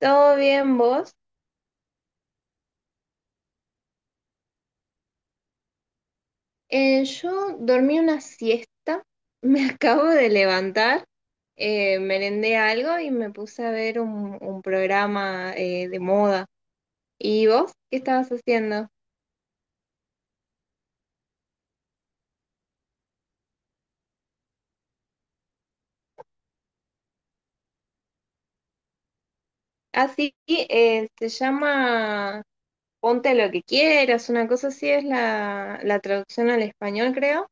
¿Todo bien vos? Yo dormí una siesta, me acabo de levantar, merendé algo y me puse a ver un programa de moda. ¿Y vos qué estabas haciendo? Así se llama Ponte lo que quieras, una cosa así es la traducción al español, creo.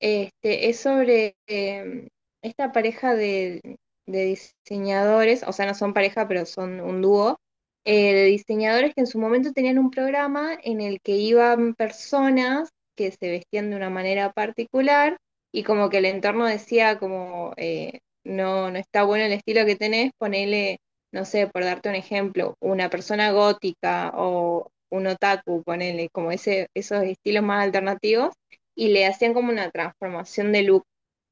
Este, es sobre esta pareja de diseñadores, o sea, no son pareja, pero son un dúo, de diseñadores que en su momento tenían un programa en el que iban personas que se vestían de una manera particular y como que el entorno decía como, no, no está bueno el estilo que tenés, ponele, no sé, por darte un ejemplo, una persona gótica o un otaku, ponele, como ese, esos estilos más alternativos y le hacían como una transformación de look.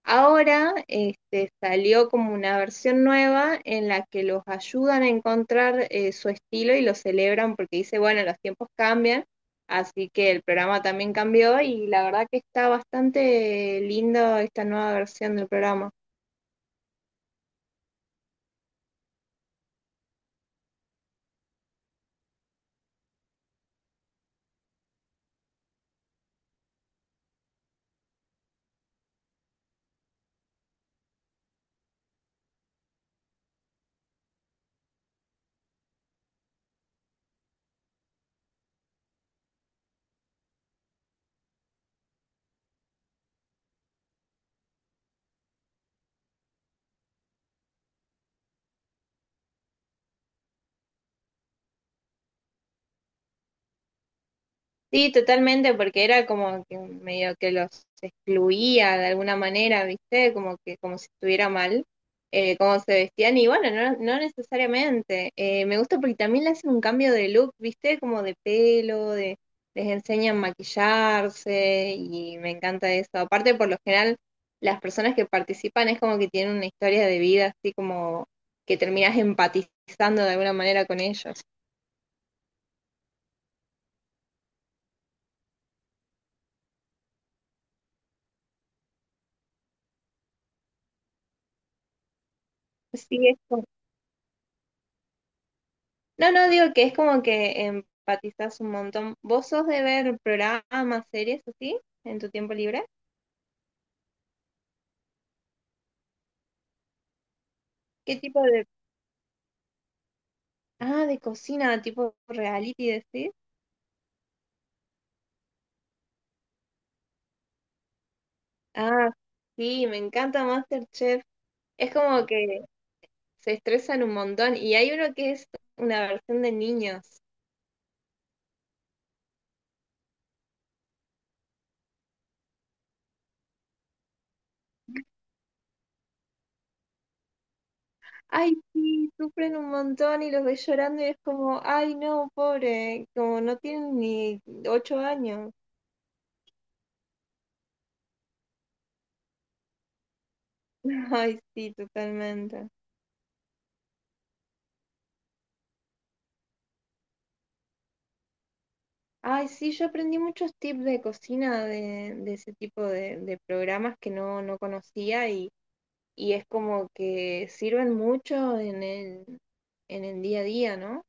Ahora este, salió como una versión nueva en la que los ayudan a encontrar su estilo y lo celebran porque dice, bueno, los tiempos cambian, así que el programa también cambió y la verdad que está bastante lindo esta nueva versión del programa. Sí, totalmente, porque era como que medio que los excluía de alguna manera, ¿viste? Como que como si estuviera mal, cómo se vestían, y bueno, no, no necesariamente. Me gusta porque también le hacen un cambio de look, ¿viste? Como de pelo, de, les enseñan a maquillarse, y me encanta eso. Aparte, por lo general, las personas que participan es como que tienen una historia de vida, así como que terminás empatizando de alguna manera con ellos. Sí, es como No, no, digo que es como que empatizas un montón. ¿Vos sos de ver programas, series así en tu tiempo libre? ¿Qué tipo de... Ah, de cocina, tipo reality, decís? Ah, sí, me encanta MasterChef. Es como que se estresan un montón y hay uno que es una versión de niños. Ay, sí, sufren un montón y los ves llorando y es como, ay, no, pobre, como no tienen ni 8 años. Ay, sí, totalmente. Ay, sí, yo aprendí muchos tips de cocina de ese tipo de programas que no, no conocía y es como que sirven mucho en el día a día, ¿no?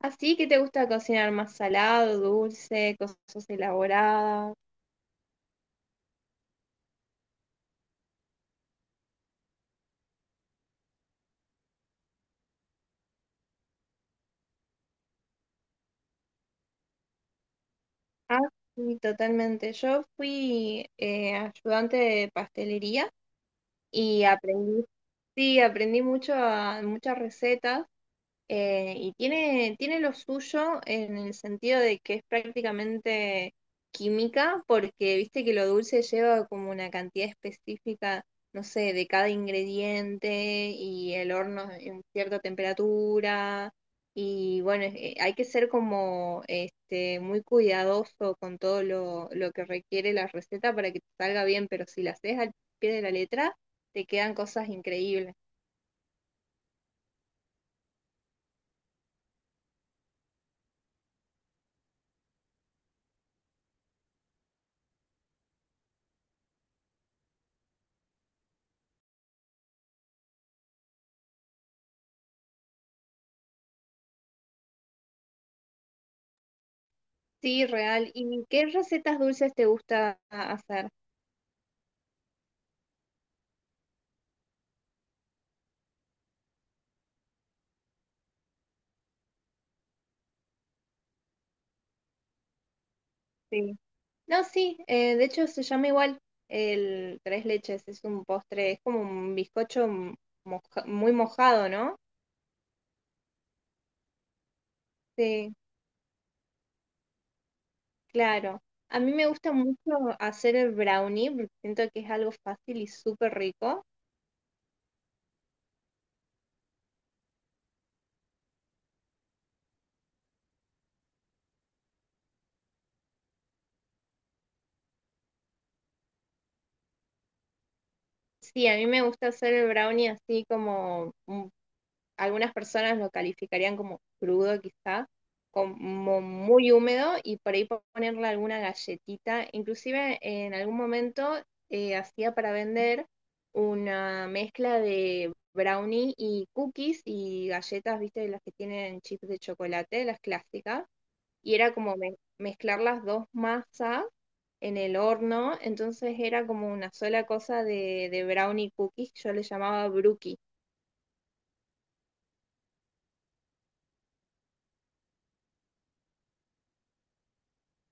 Así que te gusta cocinar más salado, dulce, cosas elaboradas. Ah, sí, totalmente. Yo fui ayudante de pastelería y aprendí, sí, aprendí mucho muchas recetas. Y tiene, tiene lo suyo en el sentido de que es prácticamente química, porque viste que lo dulce lleva como una cantidad específica, no sé, de cada ingrediente y el horno en cierta temperatura. Y bueno, hay que ser como este, muy cuidadoso con todo lo que requiere la receta para que te salga bien, pero si la haces al pie de la letra, te quedan cosas increíbles. Sí, real. ¿Y qué recetas dulces te gusta hacer? Sí. No, sí, de hecho se llama igual el tres leches, es un postre, es como un bizcocho muy mojado, ¿no? Sí, claro. A mí me gusta mucho hacer el brownie, porque siento que es algo fácil y súper rico. Sí, a mí me gusta hacer el brownie así como un algunas personas lo calificarían como crudo quizá, como muy húmedo y por ahí ponerle alguna galletita. Inclusive en algún momento hacía para vender una mezcla de brownie y cookies y galletas, viste, las que tienen chips de chocolate, las clásicas, y era como mezclar las dos masas en el horno, entonces era como una sola cosa de brownie cookies, yo le llamaba brookies.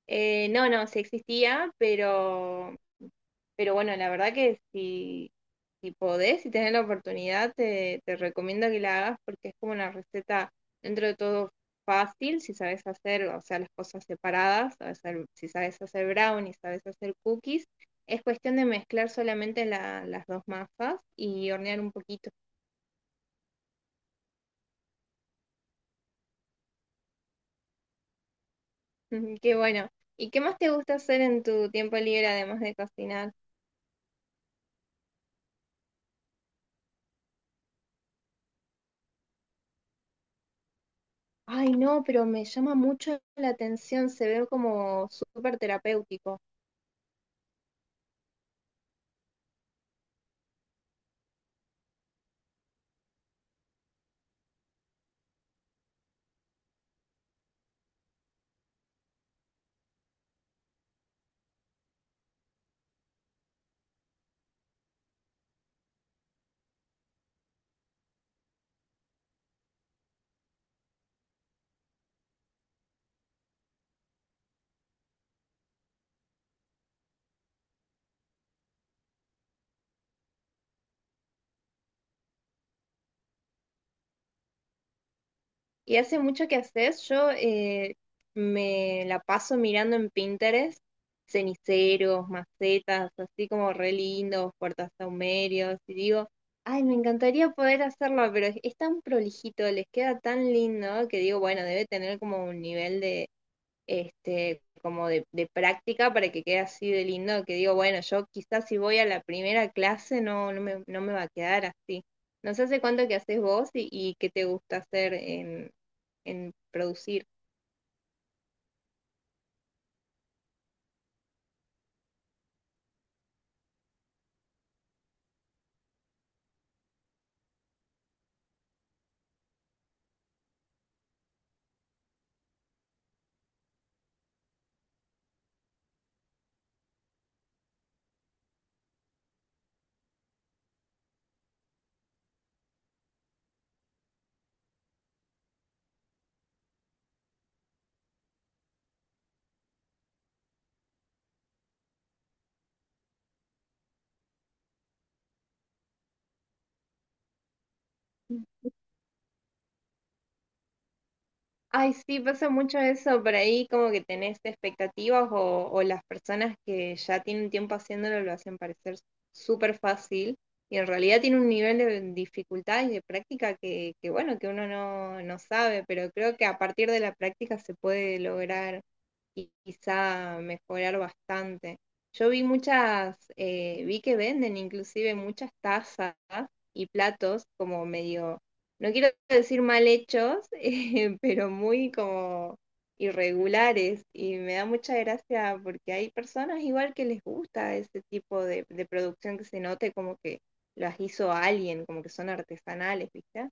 No, sí existía, pero bueno, la verdad que si, si podés, si tenés la oportunidad, te recomiendo que la hagas porque es como una receta dentro de todo fácil, si sabes hacer, o sea, las cosas separadas, si sabes hacer brownies, sabes hacer cookies, es cuestión de mezclar solamente las dos masas y hornear un poquito. Qué bueno. ¿Y qué más te gusta hacer en tu tiempo libre además de cocinar? Ay, no, pero me llama mucho la atención, se ve como súper terapéutico. Y hace mucho que haces, yo me la paso mirando en Pinterest, ceniceros, macetas, así como re lindos, puertasahumerios, y digo, ay, me encantaría poder hacerlo, pero es tan prolijito, les queda tan lindo que digo, bueno, debe tener como un nivel este, como de práctica para que quede así de lindo, que digo, bueno, yo quizás si voy a la primera clase no, no me va a quedar así. No sé hace cuánto que haces vos y qué te gusta hacer en producir. Ay, sí, pasa mucho eso por ahí, como que tenés expectativas o las personas que ya tienen tiempo haciéndolo lo hacen parecer súper fácil y en realidad tiene un nivel de dificultad y de práctica que bueno, que uno no, no sabe, pero creo que a partir de la práctica se puede lograr y quizá mejorar bastante. Yo vi muchas, vi que venden inclusive muchas tazas y platos como medio no quiero decir mal hechos, pero muy como irregulares y me da mucha gracia porque hay personas igual que les gusta ese tipo de producción que se note como que las hizo alguien, como que son artesanales, ¿viste?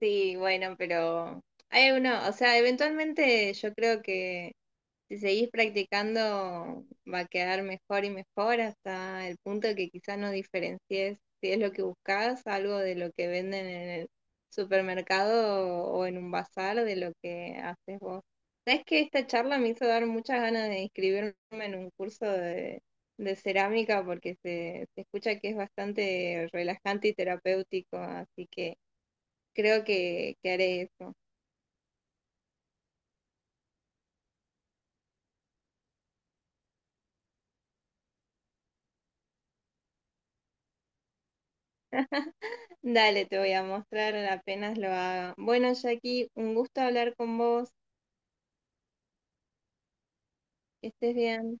Sí, bueno, pero hay uno, o sea, eventualmente yo creo que si seguís practicando va a quedar mejor y mejor hasta el punto que quizás no diferencies si es lo que buscas, algo de lo que venden en el supermercado o, en un bazar de lo que haces vos. Sabes que esta charla me hizo dar muchas ganas de inscribirme en un curso de cerámica porque se escucha que es bastante relajante y terapéutico, así que creo que haré eso. Dale, te voy a mostrar apenas lo haga. Bueno, Jackie, un gusto hablar con vos. Que estés bien.